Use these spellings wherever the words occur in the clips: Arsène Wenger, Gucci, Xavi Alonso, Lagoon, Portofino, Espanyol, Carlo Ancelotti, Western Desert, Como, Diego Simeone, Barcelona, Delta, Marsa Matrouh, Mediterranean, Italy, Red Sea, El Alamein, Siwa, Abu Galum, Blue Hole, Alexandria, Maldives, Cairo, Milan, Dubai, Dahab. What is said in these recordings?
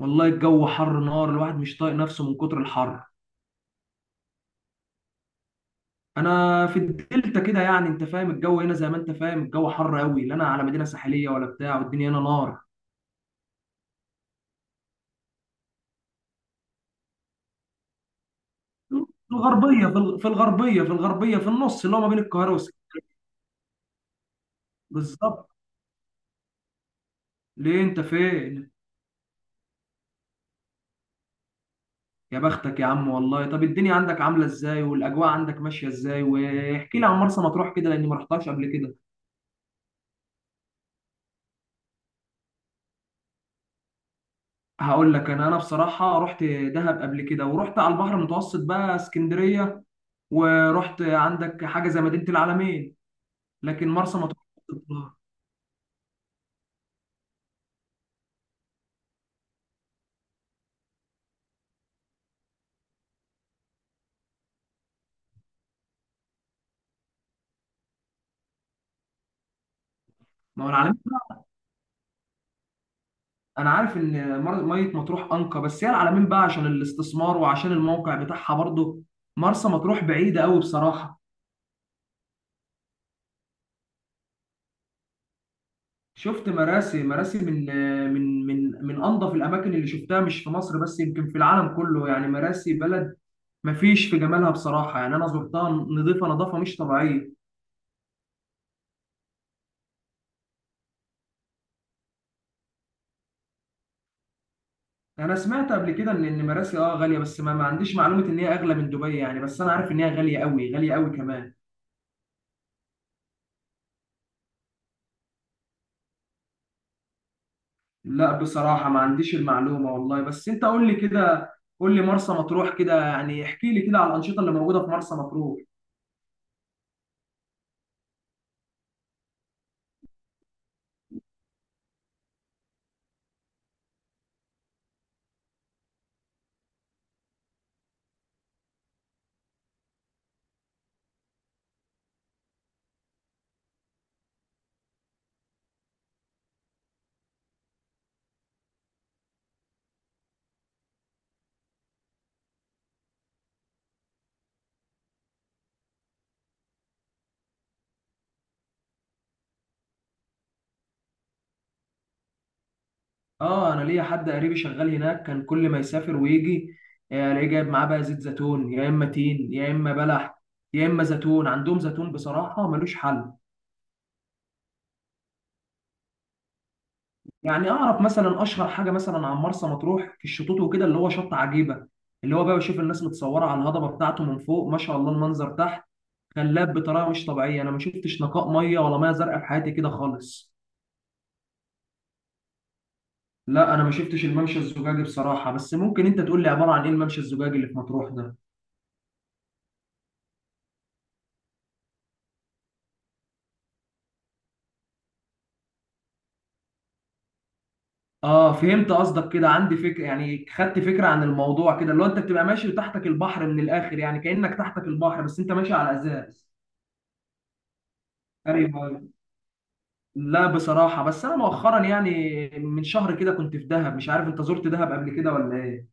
والله الجو حر نار. الواحد مش طايق نفسه من كتر الحر. انا في الدلتا كده. يعني انت فاهم الجو هنا زي ما انت فاهم، الجو حر قوي، لا انا على مدينه ساحليه ولا بتاع، والدنيا هنا نار. في الغربيه، في الغربيه، في النص اللي هو ما بين القاهره بالظبط. ليه انت فين؟ يا بختك يا عم، والله. طب الدنيا عندك عامله ازاي؟ والاجواء عندك ماشيه ازاي؟ واحكي لي عن مرسى مطروح كده، لاني ما رحتهاش قبل كده. هقول لك، انا بصراحه رحت دهب قبل كده، ورحت على البحر المتوسط بقى اسكندريه، ورحت عندك حاجه زي مدينه العلمين، لكن مرسى مطروح ما هو العلمين. انا عارف ان ميه مطروح انقى، بس هي العلمين بقى عشان الاستثمار وعشان الموقع بتاعها برضه. مرسى مطروح بعيده قوي بصراحه. شفت مراسي. مراسي من من انظف الاماكن اللي شفتها، مش في مصر بس، يمكن في العالم كله. يعني مراسي بلد ما فيش في جمالها بصراحه. يعني انا زرتها، نظيفه، نظافه مش طبيعيه. انا سمعت قبل كده ان مراسي اه غاليه، بس ما عنديش معلومه ان هي اغلى من دبي يعني، بس انا عارف ان هي غاليه قوي، غاليه قوي كمان. لا بصراحه ما عنديش المعلومه والله، بس انت قول لي كده. قول لي مرسى مطروح كده، يعني احكي لي كده على الانشطه اللي موجوده في مرسى مطروح. اه انا ليا حد قريبي شغال هناك، كان كل ما يسافر ويجي الاقيه جايب معاه بقى زيت زيتون، يا اما تين، يا اما بلح، يا اما زيتون. عندهم زيتون بصراحه ملوش حل. يعني اعرف مثلا اشهر حاجه مثلا عن مرسى مطروح في الشطوط وكده، اللي هو شط عجيبه، اللي هو بقى بشوف الناس متصوره على الهضبه بتاعته من فوق. ما شاء الله، المنظر تحت خلاب بطريقه مش طبيعيه. انا ما شفتش نقاء ميه ولا ميه زرقاء في حياتي كده خالص. لا انا ما شفتش الممشى الزجاجي بصراحه، بس ممكن انت تقول لي عباره عن ايه الممشى الزجاجي اللي في مطروح ده. اه فهمت قصدك كده، عندي فكره. يعني خدت فكره عن الموضوع كده، اللي هو انت بتبقى ماشي وتحتك البحر من الاخر، يعني كانك تحتك البحر بس انت ماشي على ازاز. ايوه. لا بصراحة، بس أنا مؤخرا يعني من شهر كده كنت في دهب. مش عارف أنت زرت دهب قبل كده ولا إيه؟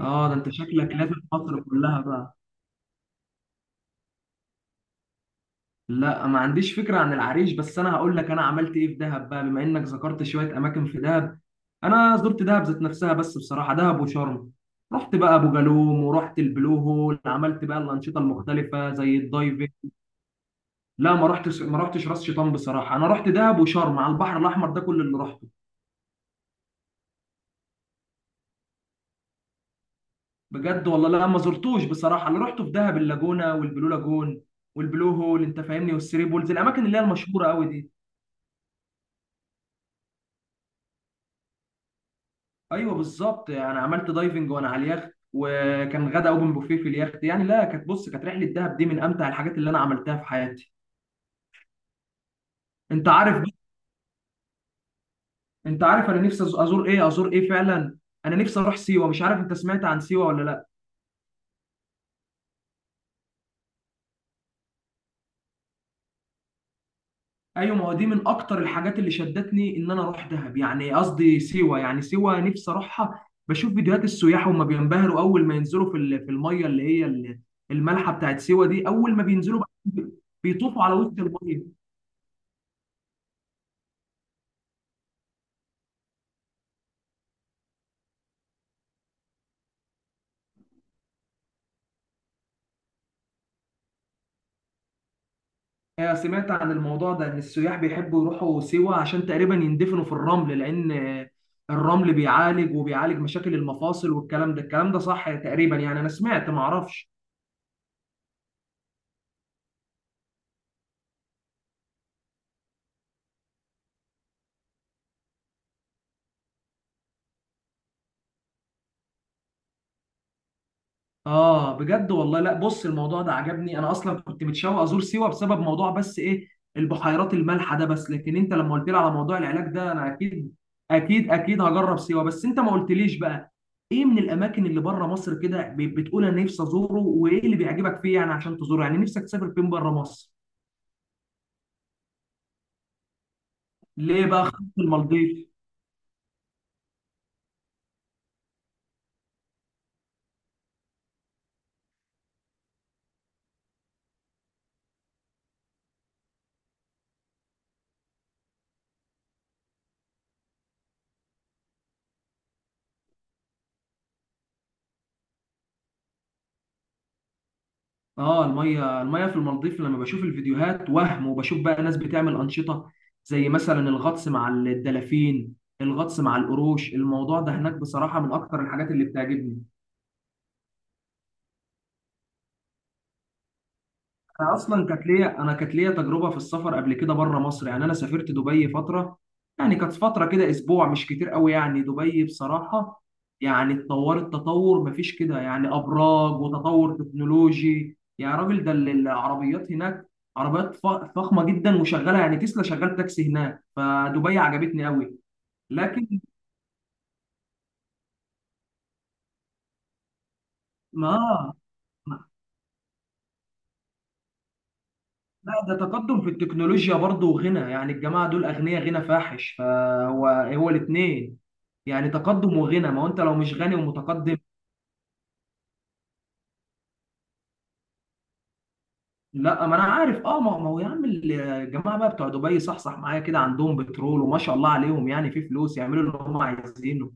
آه ده أنت شكلك لافف مصر كلها بقى. لا ما عنديش فكرة عن العريش، بس أنا هقول لك أنا عملت إيه في دهب بقى، بما إنك ذكرت شوية أماكن في دهب. أنا زرت دهب ذات نفسها، بس بصراحة دهب وشرم، رحت بقى أبو جالوم، ورحت البلو هول، عملت بقى الأنشطة المختلفة زي الدايفنج. لا ما رحتش راس شيطان بصراحة. أنا رحت دهب وشرم على البحر الأحمر، ده كل اللي رحته. بجد والله لا ما زرتوش بصراحه. انا رحت في دهب اللاجونه والبلو لاجون والبلو هول، انت فاهمني، والثري بولز، الاماكن اللي هي المشهوره قوي دي. ايوه بالظبط، انا عملت دايفنج وانا على اليخت، وكان غدا اوبن بوفيه في اليخت يعني. لا كانت، بص، كانت رحله دهب دي من امتع الحاجات اللي انا عملتها في حياتي. انت عارف بقى- انت عارف انا نفسي ازور ايه، فعلا انا نفسي اروح سيوه. مش عارف انت سمعت عن سيوه ولا لا؟ ايوه، ما هو دي من اكتر الحاجات اللي شدتني ان انا اروح دهب، يعني قصدي سيوه. يعني سيوه نفسي اروحها، بشوف فيديوهات السياح وهم بينبهروا اول ما ينزلوا في في الميه اللي هي المالحه بتاعت سيوه دي، اول ما بينزلوا بقى بيطوفوا على وسط الميه. سمعت عن الموضوع ده، ان السياح بيحبوا يروحوا سيوه عشان تقريبا يندفنوا في الرمل، لان الرمل بيعالج، وبيعالج مشاكل المفاصل والكلام ده. الكلام ده صح تقريبا يعني؟ انا سمعت، ما اعرفش. اه بجد والله. لا بص، الموضوع ده عجبني. انا اصلا كنت متشوق ازور سيوه بسبب موضوع، بس ايه، البحيرات المالحه ده بس، لكن انت لما قلت لي على موضوع العلاج ده، انا اكيد اكيد اكيد هجرب سيوه. بس انت ما قلتليش بقى ايه من الاماكن اللي بره مصر كده بتقول انا نفسي ازوره، وايه اللي بيعجبك فيه يعني عشان تزوره؟ يعني نفسك تسافر فين بره مصر؟ ليه بقى خط المالديف؟ اه الميه، في المالديف لما بشوف الفيديوهات وهم، وبشوف بقى ناس بتعمل انشطه زي مثلا الغطس مع الدلافين، الغطس مع القروش، الموضوع ده هناك بصراحه من اكتر الحاجات اللي بتعجبني. انا اصلا كانت ليا، كانت ليا تجربه في السفر قبل كده بره مصر. يعني انا سافرت دبي فتره، يعني كانت فتره كده اسبوع، مش كتير قوي يعني. دبي بصراحه يعني اتطورت تطور مفيش كده، يعني ابراج وتطور تكنولوجي. يا راجل ده العربيات هناك، عربيات فخمه جدا وشغاله يعني. تسلا شغال تاكسي هناك، فدبي عجبتني قوي. لكن ما لا، ده تقدم في التكنولوجيا برضه، وغنى. يعني الجماعة دول أغنياء، غنى فاحش، فهو هو الاتنين، يعني تقدم وغنى. ما هو أنت لو مش غني ومتقدم. لا ما أنا عارف. أه ما هو يا عم الجماعة بقى بتوع دبي صحصح معايا كده، عندهم بترول وما شاء الله عليهم، يعني في فلوس يعملوا اللي هم عايزينه.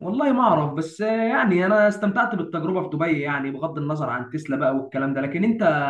والله ما أعرف، بس يعني أنا استمتعت بالتجربة في دبي، يعني بغض النظر عن تسلا بقى والكلام ده. لكن أنت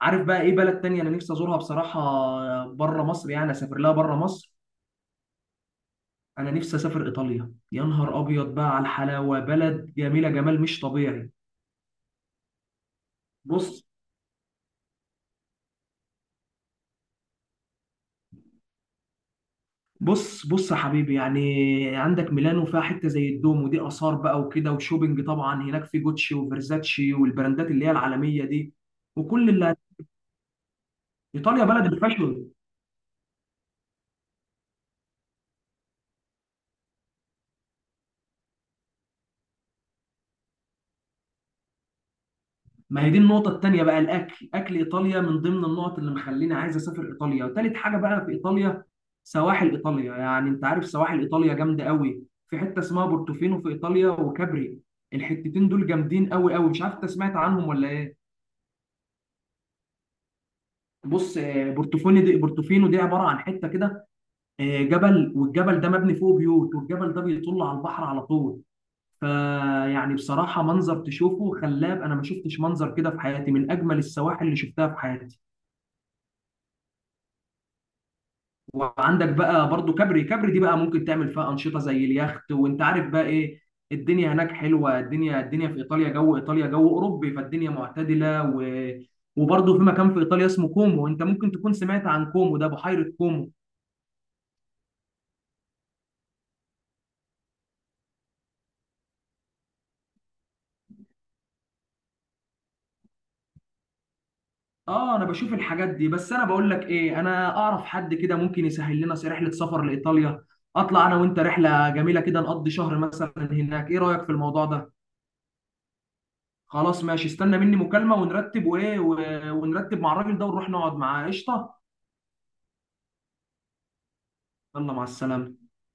عارف بقى إيه بلد تانية أنا نفسي أزورها بصراحة بره مصر؟ يعني أسافر لها بره مصر. انا نفسي اسافر ايطاليا، يا نهار ابيض بقى على الحلاوه، بلد جميله، جمال مش طبيعي. بص بص بص يا حبيبي يعني، عندك ميلانو فيها حته زي الدوم، ودي اثار بقى وكده، وشوبينج طبعا هناك في جوتشي وفيرزاتشي والبراندات اللي هي العالميه دي، وكل اللي، ايطاليا بلد الفاشون. ما هي دي النقطة التانية بقى، الأكل، أكل إيطاليا من ضمن النقط اللي مخليني عايز أسافر إيطاليا، وتالت حاجة بقى في إيطاليا سواحل إيطاليا، يعني أنت عارف سواحل إيطاليا جامدة قوي، في حتة اسمها بورتوفينو في إيطاليا وكابري، الحتتين دول جامدين قوي قوي، مش عارف أنت سمعت عنهم ولا إيه؟ بص بورتوفينو دي، عبارة عن حتة كده، جبل، والجبل ده مبني فوقه بيوت، والجبل ده بيطل على البحر على طول، فيعني بصراحة منظر تشوفه خلاب. أنا ما شفتش منظر كده في حياتي، من أجمل السواحل اللي شفتها في حياتي. وعندك بقى برضو كبري. كبري دي بقى ممكن تعمل فيها انشطه زي اليخت، وانت عارف بقى ايه، الدنيا هناك حلوه. الدنيا في ايطاليا، جو ايطاليا جو اوروبي، فالدنيا معتدله و وبرضو في مكان في ايطاليا اسمه كومو، انت ممكن تكون سمعت عن كومو ده، بحيره كومو. اه انا بشوف الحاجات دي، بس انا بقول لك ايه، انا اعرف حد كده ممكن يسهل لنا رحله سفر لايطاليا، اطلع انا وانت رحله جميله كده، نقضي شهر مثلا هناك، ايه رايك في الموضوع ده؟ خلاص ماشي، استنى مني مكالمة ونرتب وايه، ونرتب مع الراجل ده ونروح نقعد معاه، قشطة. يلا مع السلامة.